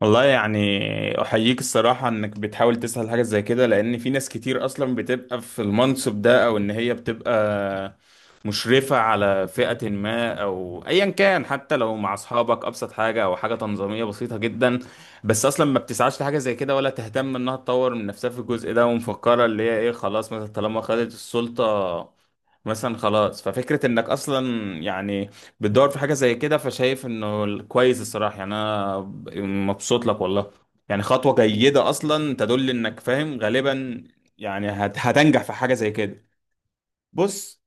والله يعني احييك الصراحة انك بتحاول تسهل حاجة زي كده، لان في ناس كتير اصلا بتبقى في المنصب ده، او ان هي بتبقى مشرفة على فئة ما، او ايا كان، حتى لو مع اصحابك ابسط حاجة او حاجة تنظيمية بسيطة جدا، بس اصلا ما بتسعاش لحاجة زي كده، ولا تهتم انها تطور من نفسها في الجزء ده، ومفكرة اللي هي ايه؟ خلاص، مثلا طالما خدت السلطة مثلا خلاص. ففكرة انك اصلا يعني بتدور في حاجة زي كده، فشايف انه كويس. الصراحة يعني انا مبسوط لك والله. يعني خطوة جيدة اصلا تدل انك فاهم غالبا. يعني هتنجح في حاجة زي كده. بص،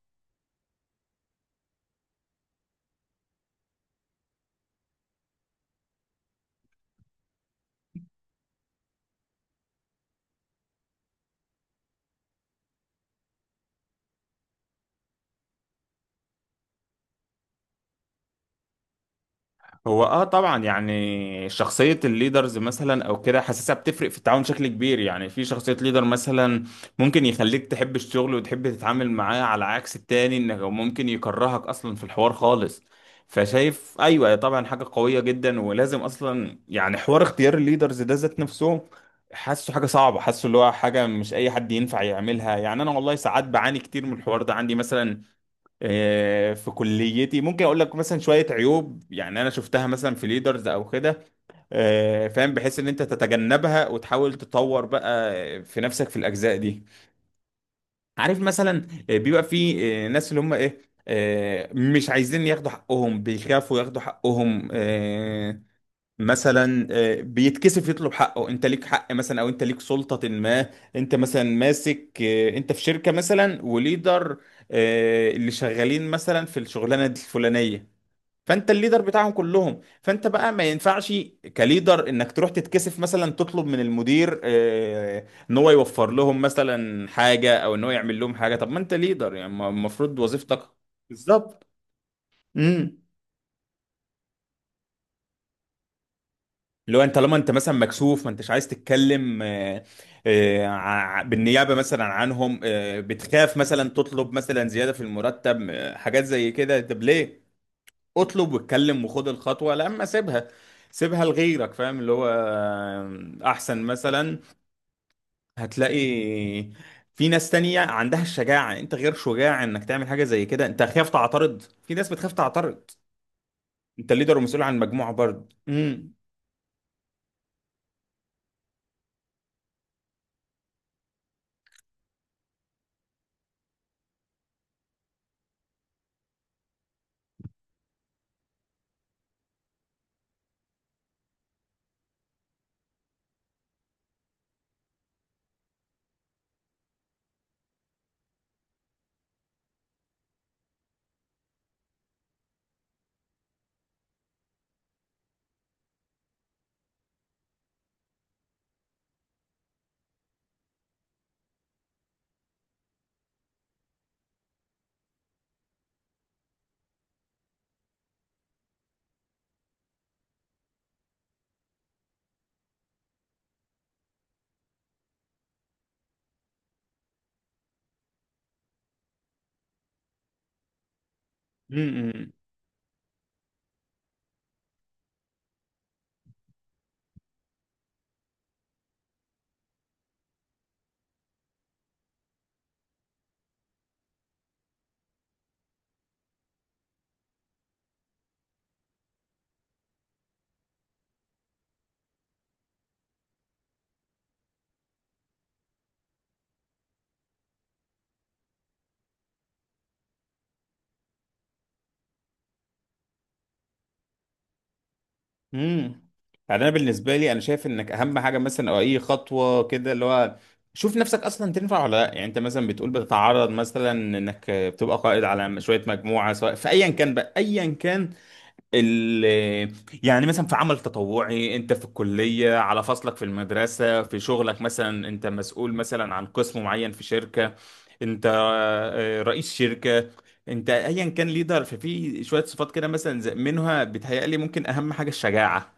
هو طبعا، يعني شخصية الليدرز مثلا او كده، حاسسها بتفرق في التعاون بشكل كبير. يعني في شخصية ليدر مثلا ممكن يخليك تحب الشغل وتحب تتعامل معاه، على عكس التاني انه ممكن يكرهك اصلا في الحوار خالص. فشايف ايوه طبعا، حاجة قوية جدا، ولازم اصلا يعني حوار اختيار الليدرز ده ذات نفسه. حاسه حاجة صعبة، حاسه اللي هو حاجة مش اي حد ينفع يعملها. يعني انا والله ساعات بعاني كتير من الحوار ده عندي مثلا. في كليتي ممكن اقول لك مثلا شويه عيوب، يعني انا شفتها مثلا في ليدرز او كده، فاهم، بحيث ان انت تتجنبها وتحاول تطور بقى في نفسك في الاجزاء دي. عارف مثلا بيبقى في ناس اللي هم ايه؟ مش عايزين ياخدوا حقهم، بيخافوا ياخدوا حقهم، مثلا بيتكسف يطلب حقه. انت ليك حق مثلا، او انت ليك سلطة ما. انت مثلا ماسك، انت في شركة مثلا وليدر، اللي شغالين مثلا في الشغلانة دي الفلانية، فانت الليدر بتاعهم كلهم، فانت بقى ما ينفعش كليدر انك تروح تتكسف مثلا تطلب من المدير ان هو يوفر لهم مثلا حاجة، او ان هو يعمل لهم حاجة. طب ما انت ليدر يعني، المفروض وظيفتك. بالظبط. امم. اللي هو انت طالما انت مثلا مكسوف ما انتش عايز تتكلم بالنيابه مثلا عنهم، بتخاف مثلا تطلب مثلا زياده في المرتب، حاجات زي كده. طب ليه؟ اطلب واتكلم وخد الخطوه، لا اما سيبها، سيبها لغيرك، فاهم؟ اللي هو احسن مثلا. هتلاقي في ناس تانية عندها الشجاعه. يعني انت غير شجاع انك تعمل حاجه زي كده، انت خايف تعترض. في ناس بتخاف تعترض. انت ليدر ومسؤول عن مجموعه برضه. امم. امم، امم. امم يعني انا بالنسبه لي انا شايف انك اهم حاجه مثلا، او اي خطوه كده اللي هو شوف نفسك اصلا تنفع ولا لا. يعني انت مثلا بتقول بتتعرض مثلا انك بتبقى قائد على شويه مجموعه، سواء في ايا كان بقى، ايا كان ال يعني مثلا في عمل تطوعي، انت في الكليه، على فصلك في المدرسه، في شغلك مثلا انت مسؤول مثلا عن قسم معين في شركه، انت رئيس شركه، انت ايا كان ليدر. ففي شويه صفات كده مثلا منها بتهيألي ممكن اهم حاجه الشجاعه.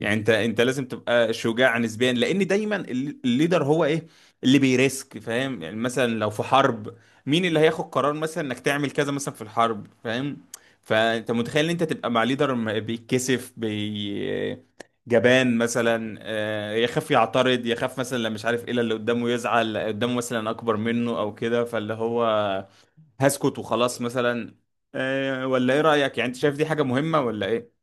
يعني انت لازم تبقى شجاع نسبيا، لان دايما الليدر هو ايه؟ اللي بيريسك، فاهم؟ يعني مثلا لو في حرب، مين اللي هياخد قرار مثلا انك تعمل كذا مثلا في الحرب، فاهم؟ فانت متخيل ان انت تبقى مع ليدر بيتكسف جبان مثلا، يخاف يعترض، يخاف مثلا لو مش عارف ايه، لا اللي قدامه يزعل، لا قدامه مثلا اكبر منه او كده، فاللي هو هسكت وخلاص مثلا. ولا ايه رأيك؟ يعني انت شايف دي حاجة مهمة ولا ايه؟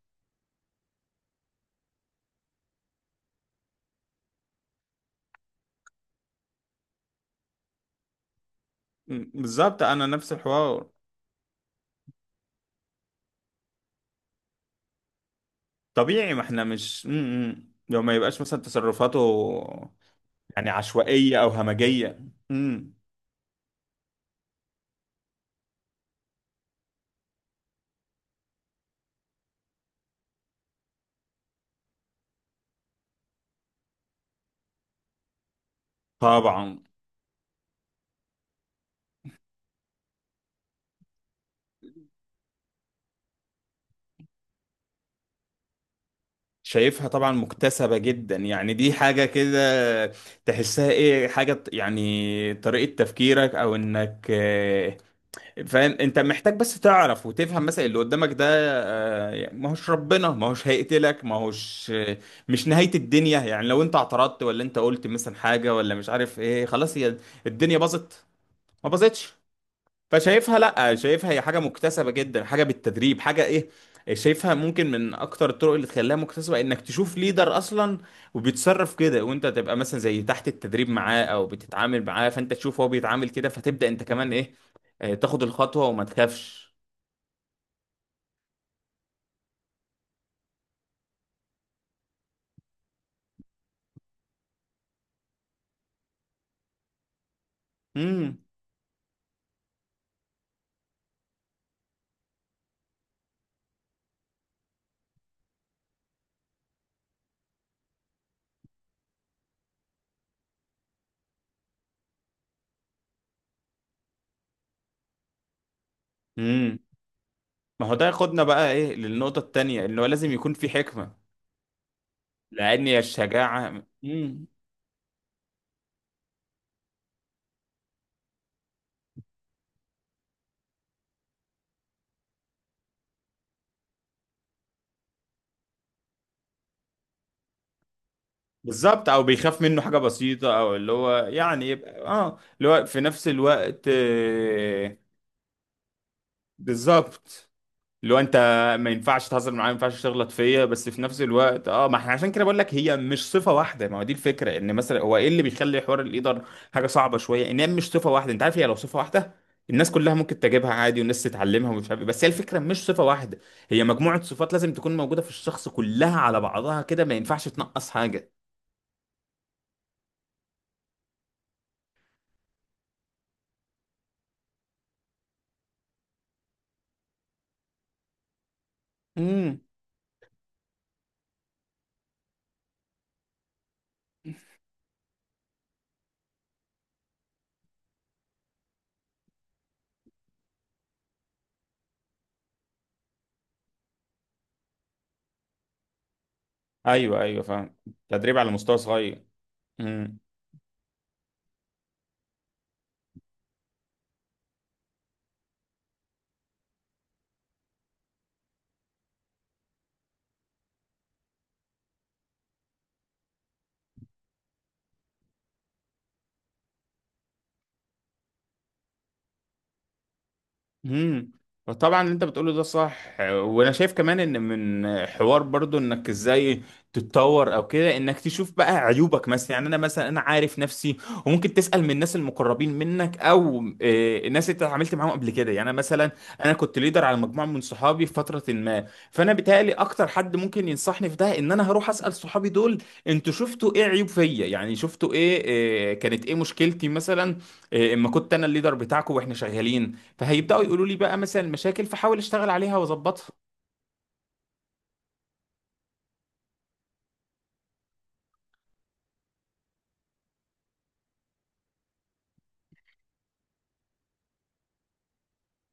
بالظبط، انا نفس الحوار. طبيعي، ما احنا مش لو ما يبقاش مثلا تصرفاته يعني عشوائية او همجية. امم طبعا. شايفها طبعا مكتسبة جدا، يعني دي حاجة كده تحسها ايه، حاجة يعني طريقة تفكيرك، او انك فاهم، انت محتاج بس تعرف وتفهم مثلا اللي قدامك ده، يعني ما هوش ربنا، ما هوش هيقتلك، ما هوش مش نهاية الدنيا. يعني لو انت اعترضت، ولا انت قلت مثلا حاجة، ولا مش عارف ايه، خلاص هي الدنيا باظت؟ ما باظتش. فشايفها، لا شايفها هي حاجه مكتسبه جدا، حاجه بالتدريب، حاجه ايه. شايفها ممكن من اكتر الطرق اللي تخليها مكتسبه انك تشوف ليدر اصلا وبيتصرف كده، وانت تبقى مثلا زي تحت التدريب معاه، او بتتعامل معاه، فانت تشوف هو بيتعامل كده، فتبدا انت كمان ايه، تاخد الخطوه وما تخافش. امم. امم. ما هو ده ياخدنا بقى ايه للنقطه التانيه، انه لازم يكون في حكمه، لان الشجاعه بالظبط. او بيخاف منه حاجه بسيطه، او اللي هو يعني يبقى اللي هو في نفس الوقت، بالظبط. اللي هو انت ما ينفعش تهزر معايا، ما ينفعش تغلط فيا، بس في نفس الوقت ما احنا عشان كده بقول لك هي مش صفه واحده. ما هو دي الفكره، ان مثلا هو ايه اللي بيخلي حوار القدر حاجه صعبه شويه، ان هي مش صفه واحده. انت عارف هي لو صفه واحده الناس كلها ممكن تجيبها عادي، والناس تتعلمها ومش عارف إيه. بس هي الفكره مش صفه واحده، هي مجموعه صفات لازم تكون موجوده في الشخص كلها على بعضها كده، ما ينفعش تنقص حاجه. امم. ايوه، ايوه، فاهم. تدريب على مستوى صغير. مم. امم طبعا اللي انت بتقوله ده صح، وانا شايف كمان ان من حوار برضو انك ازاي تتطور او كده، انك تشوف بقى عيوبك مثلا. يعني انا مثلا انا عارف نفسي، وممكن تسأل من الناس المقربين منك، او الناس اللي انت اتعاملت معاهم قبل كده. يعني انا مثلا انا كنت ليدر على مجموعة من صحابي في فترة ما، فانا بيتهيألي اكتر حد ممكن ينصحني في ده ان انا هروح أسأل صحابي دول. انتوا شفتوا ايه عيوب فيا؟ يعني شفتوا ايه، كانت ايه مشكلتي مثلا اما كنت انا الليدر بتاعكم واحنا شغالين؟ فهيبداوا يقولوا لي بقى مثلا المشاكل، فحاول اشتغل عليها واظبطها.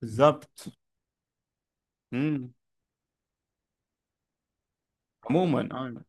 بالظبط. امم عموما